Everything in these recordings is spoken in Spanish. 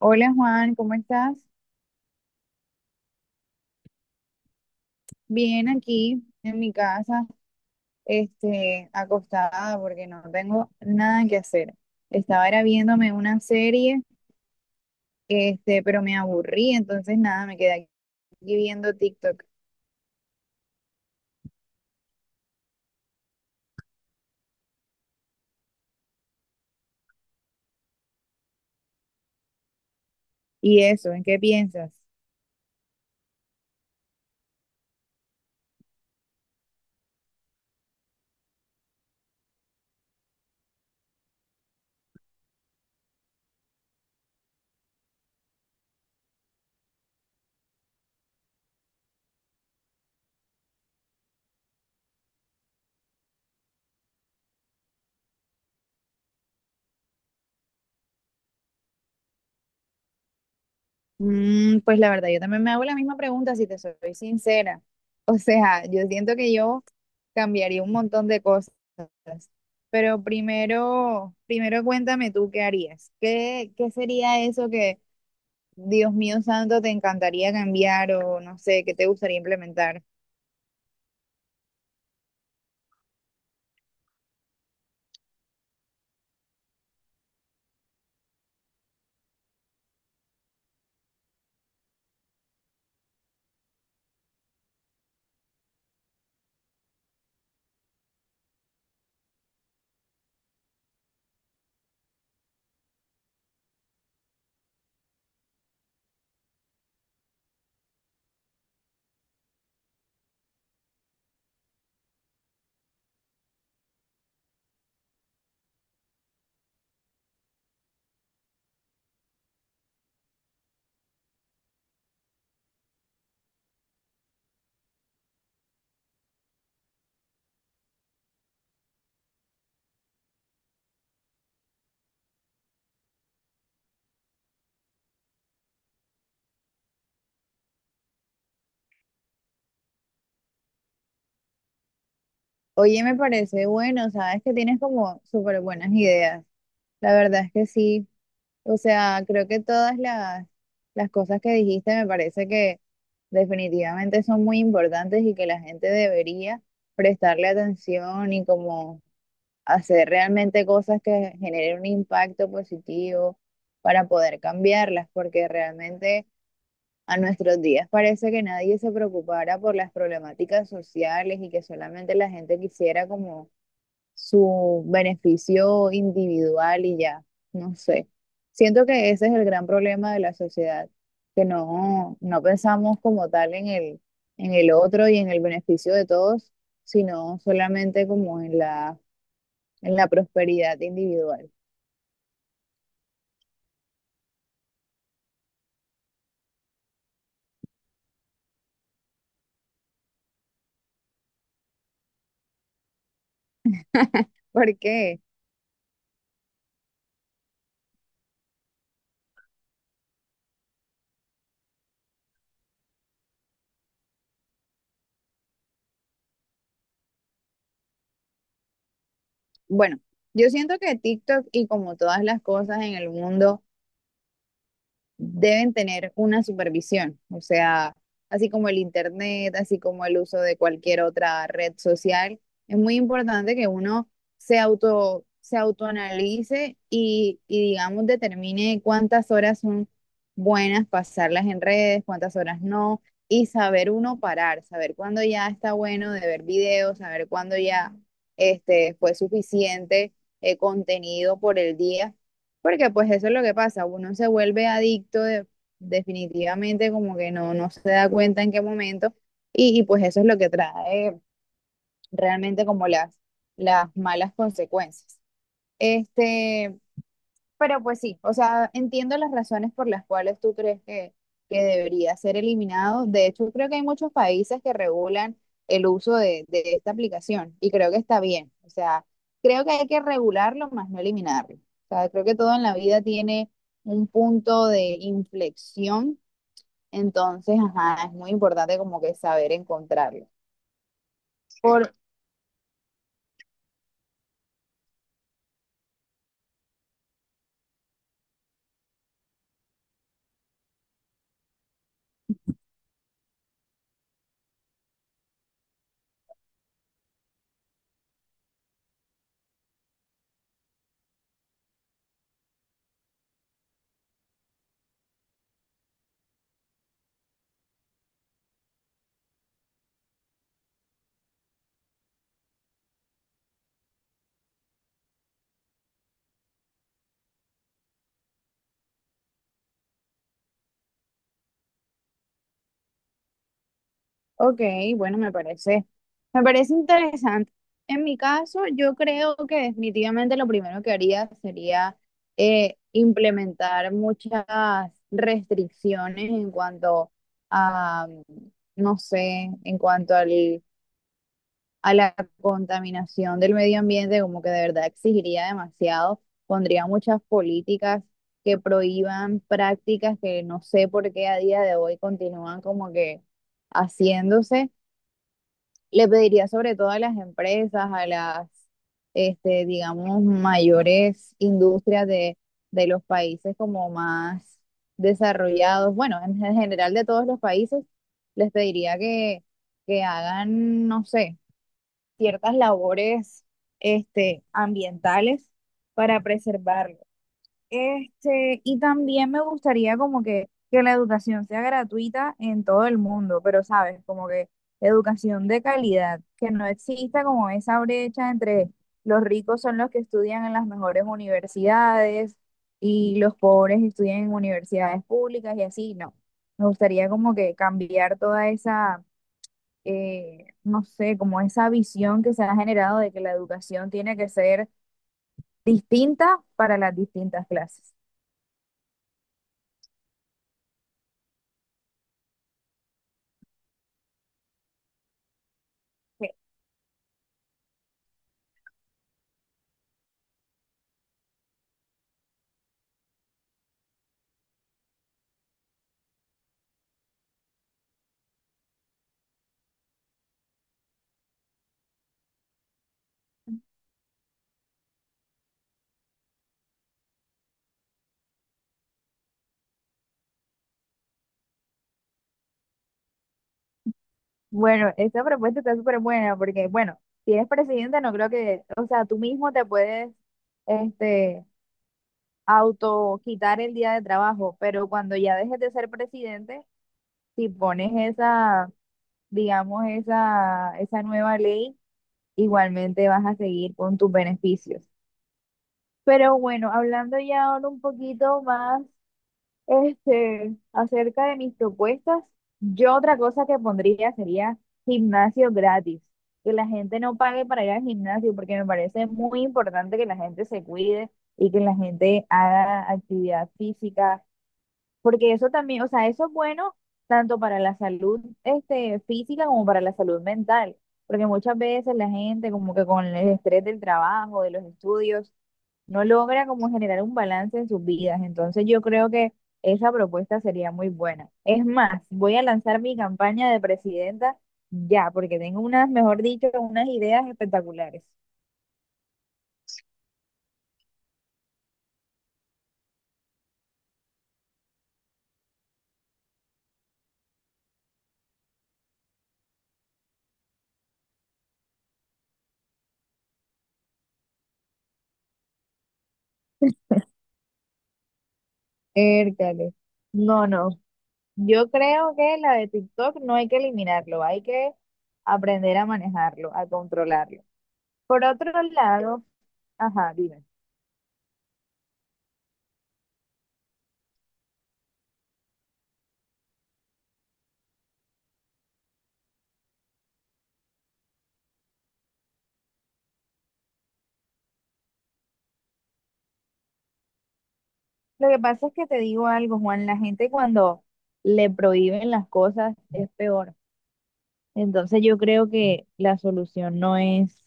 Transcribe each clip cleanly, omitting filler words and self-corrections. Hola Juan, ¿cómo estás? Bien aquí en mi casa, acostada porque no tengo nada que hacer. Estaba era viéndome una serie, pero me aburrí, entonces nada, me quedé aquí viendo TikTok. ¿Y eso? ¿En qué piensas? Mm, pues la verdad, yo también me hago la misma pregunta si te soy sincera. O sea, yo siento que yo cambiaría un montón de cosas. Pero primero cuéntame tú qué harías. ¿Qué sería eso que Dios mío santo, te encantaría cambiar o no sé, qué te gustaría implementar? Oye, me parece bueno, sabes que tienes como súper buenas ideas. La verdad es que sí. O sea, creo que las cosas que dijiste me parece que definitivamente son muy importantes y que la gente debería prestarle atención y como hacer realmente cosas que generen un impacto positivo para poder cambiarlas, porque realmente, a nuestros días parece que nadie se preocupara por las problemáticas sociales y que solamente la gente quisiera como su beneficio individual y ya, no sé. Siento que ese es el gran problema de la sociedad, que no pensamos como tal en el otro y en el beneficio de todos, sino solamente como en la prosperidad individual. Porque, bueno, yo siento que TikTok y como todas las cosas en el mundo, deben tener una supervisión, o sea, así como el internet, así como el uso de cualquier otra red social, es muy importante que uno se autoanalice y digamos determine cuántas horas son buenas pasarlas en redes, cuántas horas no, y saber uno parar, saber cuándo ya está bueno de ver videos, saber cuándo ya fue suficiente contenido por el día, porque pues eso es lo que pasa, uno se vuelve definitivamente, como que no se da cuenta en qué momento, pues eso es lo que trae realmente como las malas consecuencias. Este, pero pues sí, o sea, entiendo las razones por las cuales tú crees que debería ser eliminado. De hecho, creo que hay muchos países que regulan el uso de esta aplicación y creo que está bien. O sea, creo que hay que regularlo más no eliminarlo. O sea, creo que todo en la vida tiene un punto de inflexión, entonces, ajá, es muy importante como que saber encontrarlo. Por, Ok, bueno, me parece interesante. En mi caso, yo creo que definitivamente lo primero que haría sería implementar muchas restricciones en cuanto a, no sé, a la contaminación del medio ambiente, como que de verdad exigiría demasiado. Pondría muchas políticas que prohíban prácticas que no sé por qué a día de hoy continúan como que haciéndose. Le pediría sobre todo a las empresas, digamos, mayores industrias de los países como más desarrollados, bueno, en general de todos los países, les pediría que hagan, no sé, ciertas labores, ambientales para preservarlo. Y también me gustaría como que la educación sea gratuita en todo el mundo, pero sabes, como que educación de calidad, que no exista como esa brecha entre los ricos son los que estudian en las mejores universidades y los pobres estudian en universidades públicas y así, no. Me gustaría como que cambiar toda no sé, como esa visión que se ha generado de que la educación tiene que ser distinta para las distintas clases. Bueno, esta propuesta está súper buena porque, bueno, si eres presidente, no creo que, o sea, tú mismo te puedes, este, auto quitar el día de trabajo, pero cuando ya dejes de ser presidente, si pones esa nueva ley, igualmente vas a seguir con tus beneficios. Pero bueno, hablando ya ahora un poquito más acerca de mis propuestas, yo otra cosa que pondría sería gimnasio gratis, que la gente no pague para ir al gimnasio, porque me parece muy importante que la gente se cuide y que la gente haga actividad física, porque eso también, o sea, eso es bueno tanto para la salud, física como para la salud mental, porque muchas veces la gente como que con el estrés del trabajo, de los estudios, no logra como generar un balance en sus vidas. Entonces yo creo que esa propuesta sería muy buena. Es más, voy a lanzar mi campaña de presidenta ya, porque tengo unas, mejor dicho, unas ideas espectaculares. Ércale. No, no. Yo creo que la de TikTok no hay que eliminarlo, hay que aprender a manejarlo, a controlarlo. Por otro lado, ajá, dime. Lo que pasa es que te digo algo, Juan, la gente cuando le prohíben las cosas es peor. Entonces yo creo que la solución no es,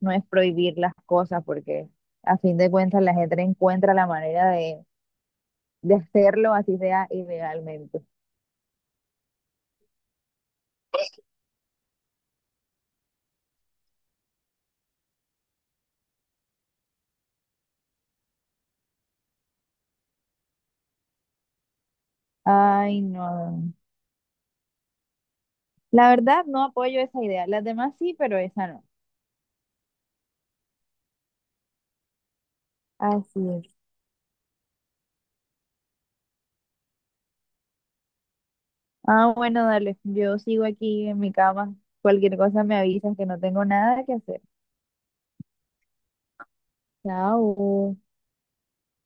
no es prohibir las cosas, porque a fin de cuentas la gente encuentra la manera de hacerlo, así sea ilegalmente. Ay, no. La verdad no apoyo esa idea. Las demás sí, pero esa no. Así es. Ah, bueno, dale. Yo sigo aquí en mi cama. Cualquier cosa me avisas que no tengo nada que hacer. Chao.